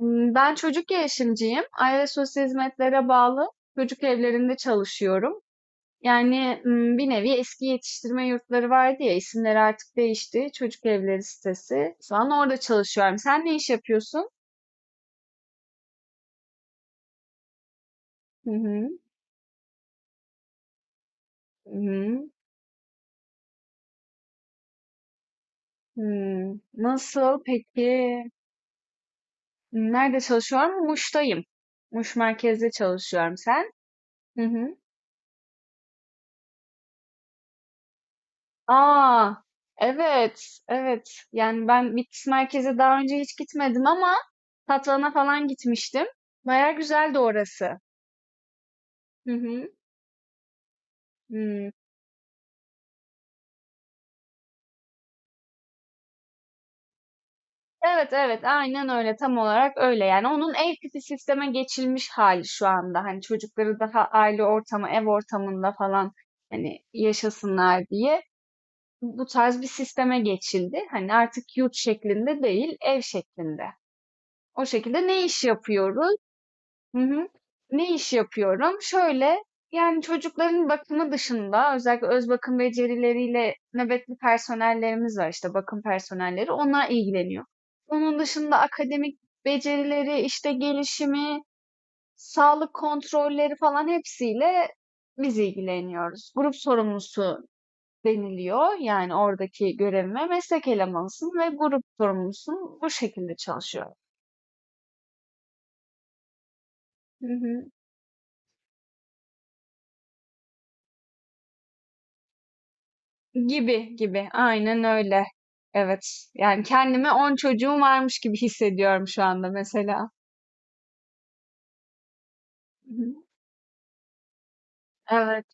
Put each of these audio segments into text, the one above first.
Ben çocuk gelişimciyim. Aile sosyal hizmetlere bağlı çocuk evlerinde çalışıyorum. Yani, bir nevi eski yetiştirme yurtları vardı ya, isimleri artık değişti. Çocuk evleri sitesi. Şu an orada çalışıyorum. Sen ne iş yapıyorsun? Hı hı. Hı hı. Hımm. Nasıl peki? Nerede çalışıyorum? Muş'tayım. Muş merkezde çalışıyorum. Sen? Hı hı. Aa, evet, evet. Yani ben Bitlis merkeze daha önce hiç gitmedim ama Tatvan'a falan gitmiştim. Baya güzeldi orası. Hı hı. Hmm. Evet, evet, aynen öyle, tam olarak öyle. Yani onun ev tipi sisteme geçilmiş hali şu anda. Hani çocukları daha aile ortamı, ev ortamında falan hani yaşasınlar diye bu tarz bir sisteme geçildi. Hani artık yurt şeklinde değil, ev şeklinde. O şekilde ne iş yapıyoruz? Hı hı. Ne iş yapıyorum? Şöyle, yani çocukların bakımı dışında özellikle öz bakım becerileriyle nöbetli personellerimiz var işte bakım personelleri. Onlar ilgileniyor. Onun dışında akademik becerileri, işte gelişimi, sağlık kontrolleri falan hepsiyle biz ilgileniyoruz. Grup sorumlusu deniliyor. Yani oradaki görevime meslek elemanısın ve grup sorumlusun. Bu şekilde çalışıyorum. Hı hı. Gibi gibi. Aynen öyle. Evet. Yani kendimi 10 çocuğum varmış gibi hissediyorum şu anda mesela. Hı hı. Evet,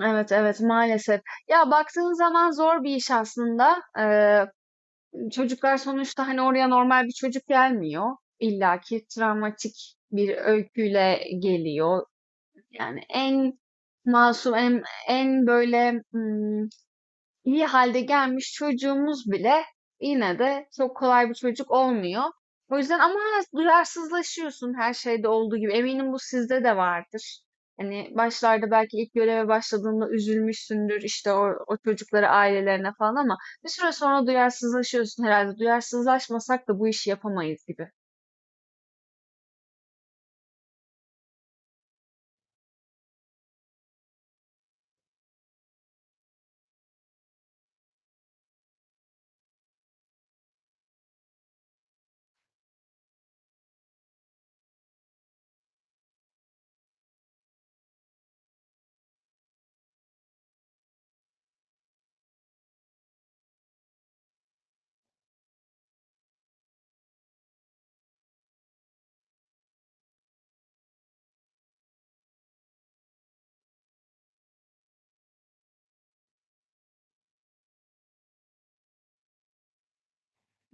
evet, evet maalesef. Ya baktığın zaman zor bir iş aslında. Çocuklar sonuçta hani oraya normal bir çocuk gelmiyor. İlla ki travmatik bir öyküyle geliyor. Yani en masum, en, en böyle iyi halde gelmiş çocuğumuz bile yine de çok kolay bir çocuk olmuyor. O yüzden ama duyarsızlaşıyorsun her şeyde olduğu gibi. Eminim bu sizde de vardır. Hani başlarda belki ilk göreve başladığında üzülmüşsündür işte o çocukları ailelerine falan ama bir süre sonra duyarsızlaşıyorsun herhalde. Duyarsızlaşmasak da bu işi yapamayız gibi.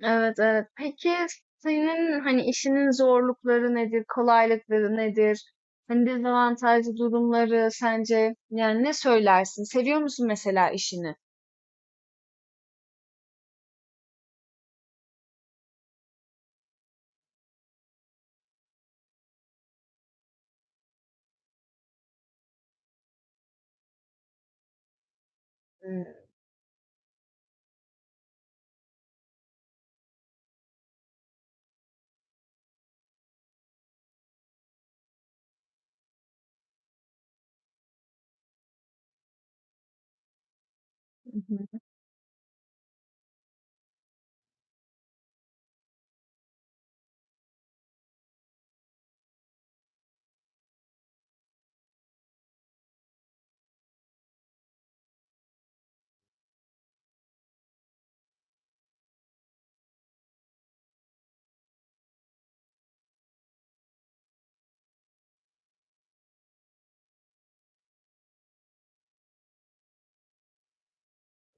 Evet, evet. Peki senin hani işinin zorlukları nedir, kolaylıkları nedir? Hani dezavantajlı durumları sence yani ne söylersin? Seviyor musun mesela işini? Hmm, mhm.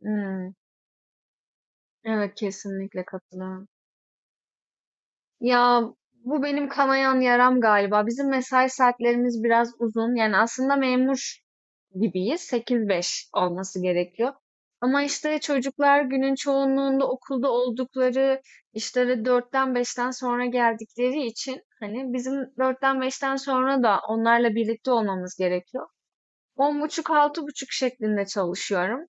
Hmm, Evet kesinlikle katılıyorum. Ya bu benim kanayan yaram galiba. Bizim mesai saatlerimiz biraz uzun. Yani aslında memur gibiyiz. Sekiz beş olması gerekiyor. Ama işte çocuklar günün çoğunluğunda okulda oldukları işlere dörtten beşten sonra geldikleri için hani bizim dörtten beşten sonra da onlarla birlikte olmamız gerekiyor. On buçuk, altı buçuk şeklinde çalışıyorum.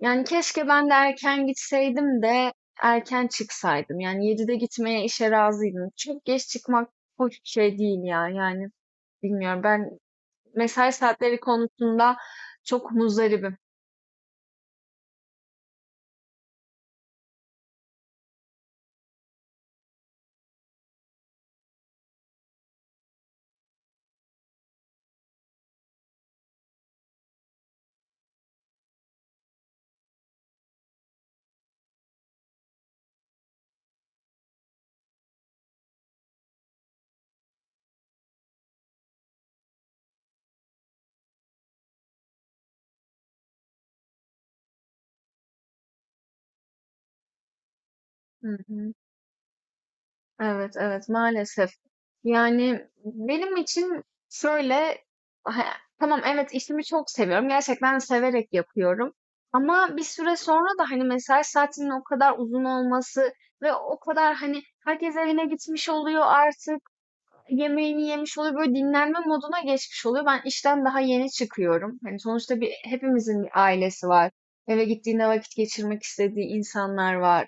Yani keşke ben de erken gitseydim de erken çıksaydım. Yani 7'de gitmeye işe razıydım. Çok geç çıkmak hoş bir şey değil ya. Yani bilmiyorum ben mesai saatleri konusunda çok muzdaribim. Hı hı. Evet, evet, maalesef. Yani benim için şöyle, ha, tamam evet işimi çok seviyorum. Gerçekten severek yapıyorum. Ama bir süre sonra da hani mesai saatinin o kadar uzun olması ve o kadar hani herkes evine gitmiş oluyor artık, yemeğini yemiş oluyor, böyle dinlenme moduna geçmiş oluyor. Ben işten daha yeni çıkıyorum. Hani sonuçta bir hepimizin bir ailesi var. Eve gittiğinde vakit geçirmek istediği insanlar var.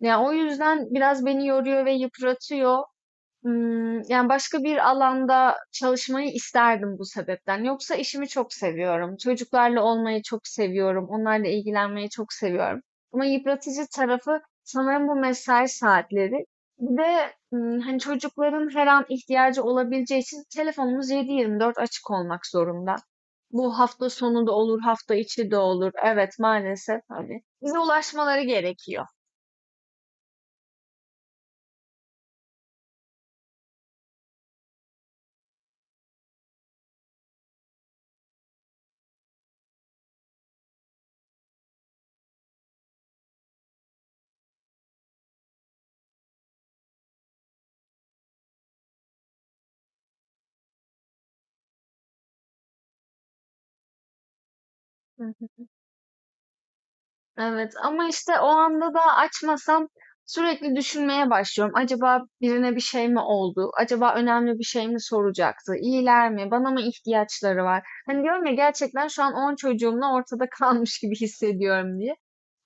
Ya o yüzden biraz beni yoruyor ve yıpratıyor. Yani, başka bir alanda çalışmayı isterdim bu sebepten. Yoksa işimi çok seviyorum. Çocuklarla olmayı çok seviyorum. Onlarla ilgilenmeyi çok seviyorum. Ama yıpratıcı tarafı sanırım bu mesai saatleri. Bir de, hani, çocukların her an ihtiyacı olabileceği için telefonumuz 7/24 açık olmak zorunda. Bu hafta sonu da olur, hafta içi de olur. Evet, maalesef, hani, bize ulaşmaları gerekiyor. Evet ama işte o anda da açmasam sürekli düşünmeye başlıyorum. Acaba birine bir şey mi oldu? Acaba önemli bir şey mi soracaktı? İyiler mi? Bana mı ihtiyaçları var? Hani diyorum ya gerçekten şu an 10 çocuğumla ortada kalmış gibi hissediyorum diye.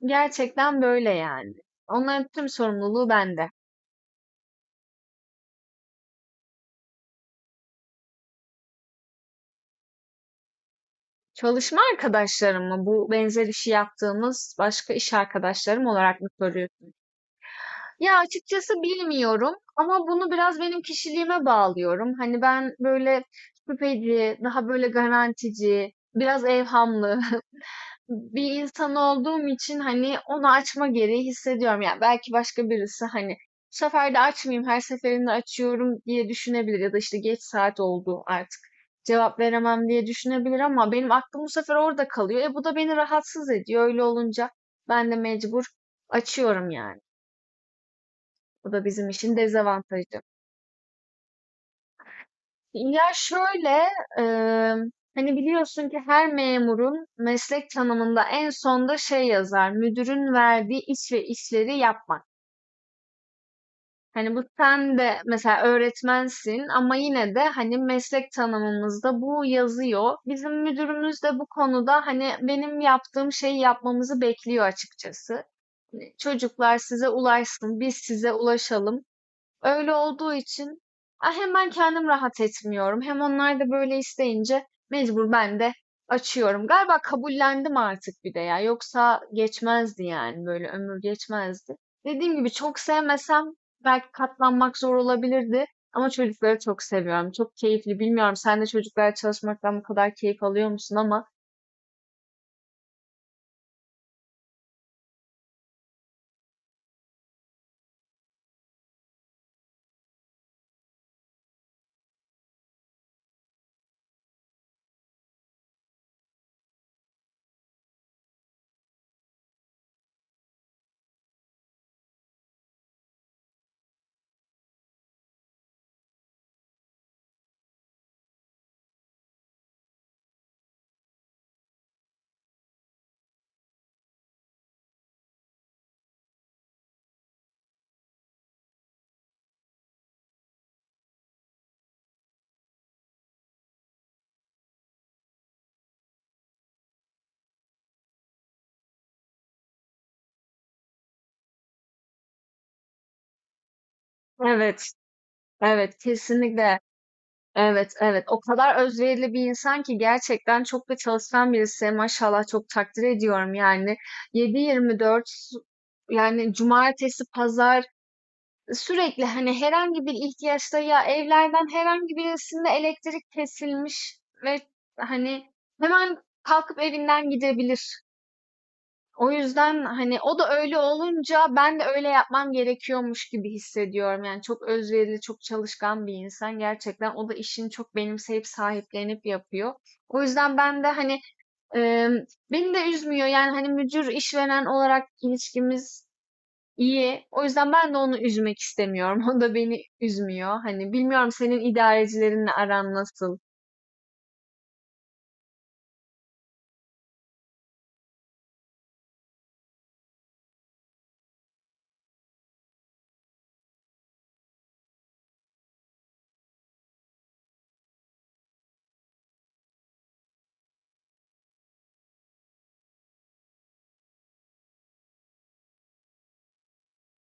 Gerçekten böyle yani. Onların tüm sorumluluğu bende. Çalışma arkadaşlarım mı? Bu benzer işi yaptığımız başka iş arkadaşlarım olarak mı soruyorsun? Ya açıkçası bilmiyorum ama bunu biraz benim kişiliğime bağlıyorum. Hani ben böyle şüpheci, daha böyle garantici, biraz evhamlı bir insan olduğum için hani onu açma gereği hissediyorum. Yani belki başka birisi hani bu sefer de açmayayım, her seferinde açıyorum diye düşünebilir ya da işte geç saat oldu artık cevap veremem diye düşünebilir ama benim aklım bu sefer orada kalıyor. E bu da beni rahatsız ediyor. Öyle olunca ben de mecbur açıyorum yani. Bu da bizim için dezavantajı. Ya şöyle, eee, hani biliyorsun ki her memurun meslek tanımında en sonda şey yazar, müdürün verdiği iş ve işleri yapmak. Hani bu sen de mesela öğretmensin ama yine de hani meslek tanımımızda bu yazıyor. Bizim müdürümüz de bu konuda hani benim yaptığım şeyi yapmamızı bekliyor açıkçası. Çocuklar size ulaşsın, biz size ulaşalım. Öyle olduğu için hem ben kendim rahat etmiyorum hem onlar da böyle isteyince mecbur ben de açıyorum. Galiba kabullendim artık bir de ya. Yoksa geçmezdi yani böyle ömür geçmezdi. Dediğim gibi çok sevmesem belki katlanmak zor olabilirdi. Ama çocukları çok seviyorum. Çok keyifli. Bilmiyorum sen de çocuklarla çalışmaktan bu kadar keyif alıyor musun ama evet. Evet kesinlikle. Evet, evet. O kadar özverili bir insan ki gerçekten çok da çalışkan birisi. Maşallah çok takdir ediyorum yani. 7-24 yani cumartesi, pazar sürekli hani herhangi bir ihtiyaçta ya evlerden herhangi birisinde elektrik kesilmiş ve hani hemen kalkıp evinden gidebilir. O yüzden, hani, o da öyle olunca ben de öyle yapmam gerekiyormuş gibi hissediyorum. Yani çok özverili, çok çalışkan bir insan gerçekten. O da işini çok benimseyip, sahiplenip yapıyor. O yüzden ben de, hani, emm, beni de üzmüyor. Yani, hani, müdür işveren olarak ilişkimiz iyi. O yüzden ben de onu üzmek istemiyorum. O da beni üzmüyor. Hani, bilmiyorum senin idarecilerinle aran nasıl?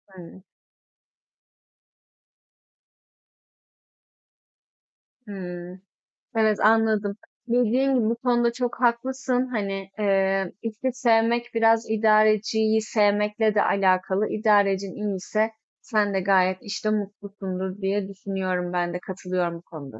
Hıı. Hıı. Evet anladım. Dediğim gibi bu konuda çok haklısın. Hani işte sevmek biraz idareciyi sevmekle de alakalı. İdarecin iyiyse sen de gayet işte mutlusundur diye düşünüyorum ben de katılıyorum bu konuda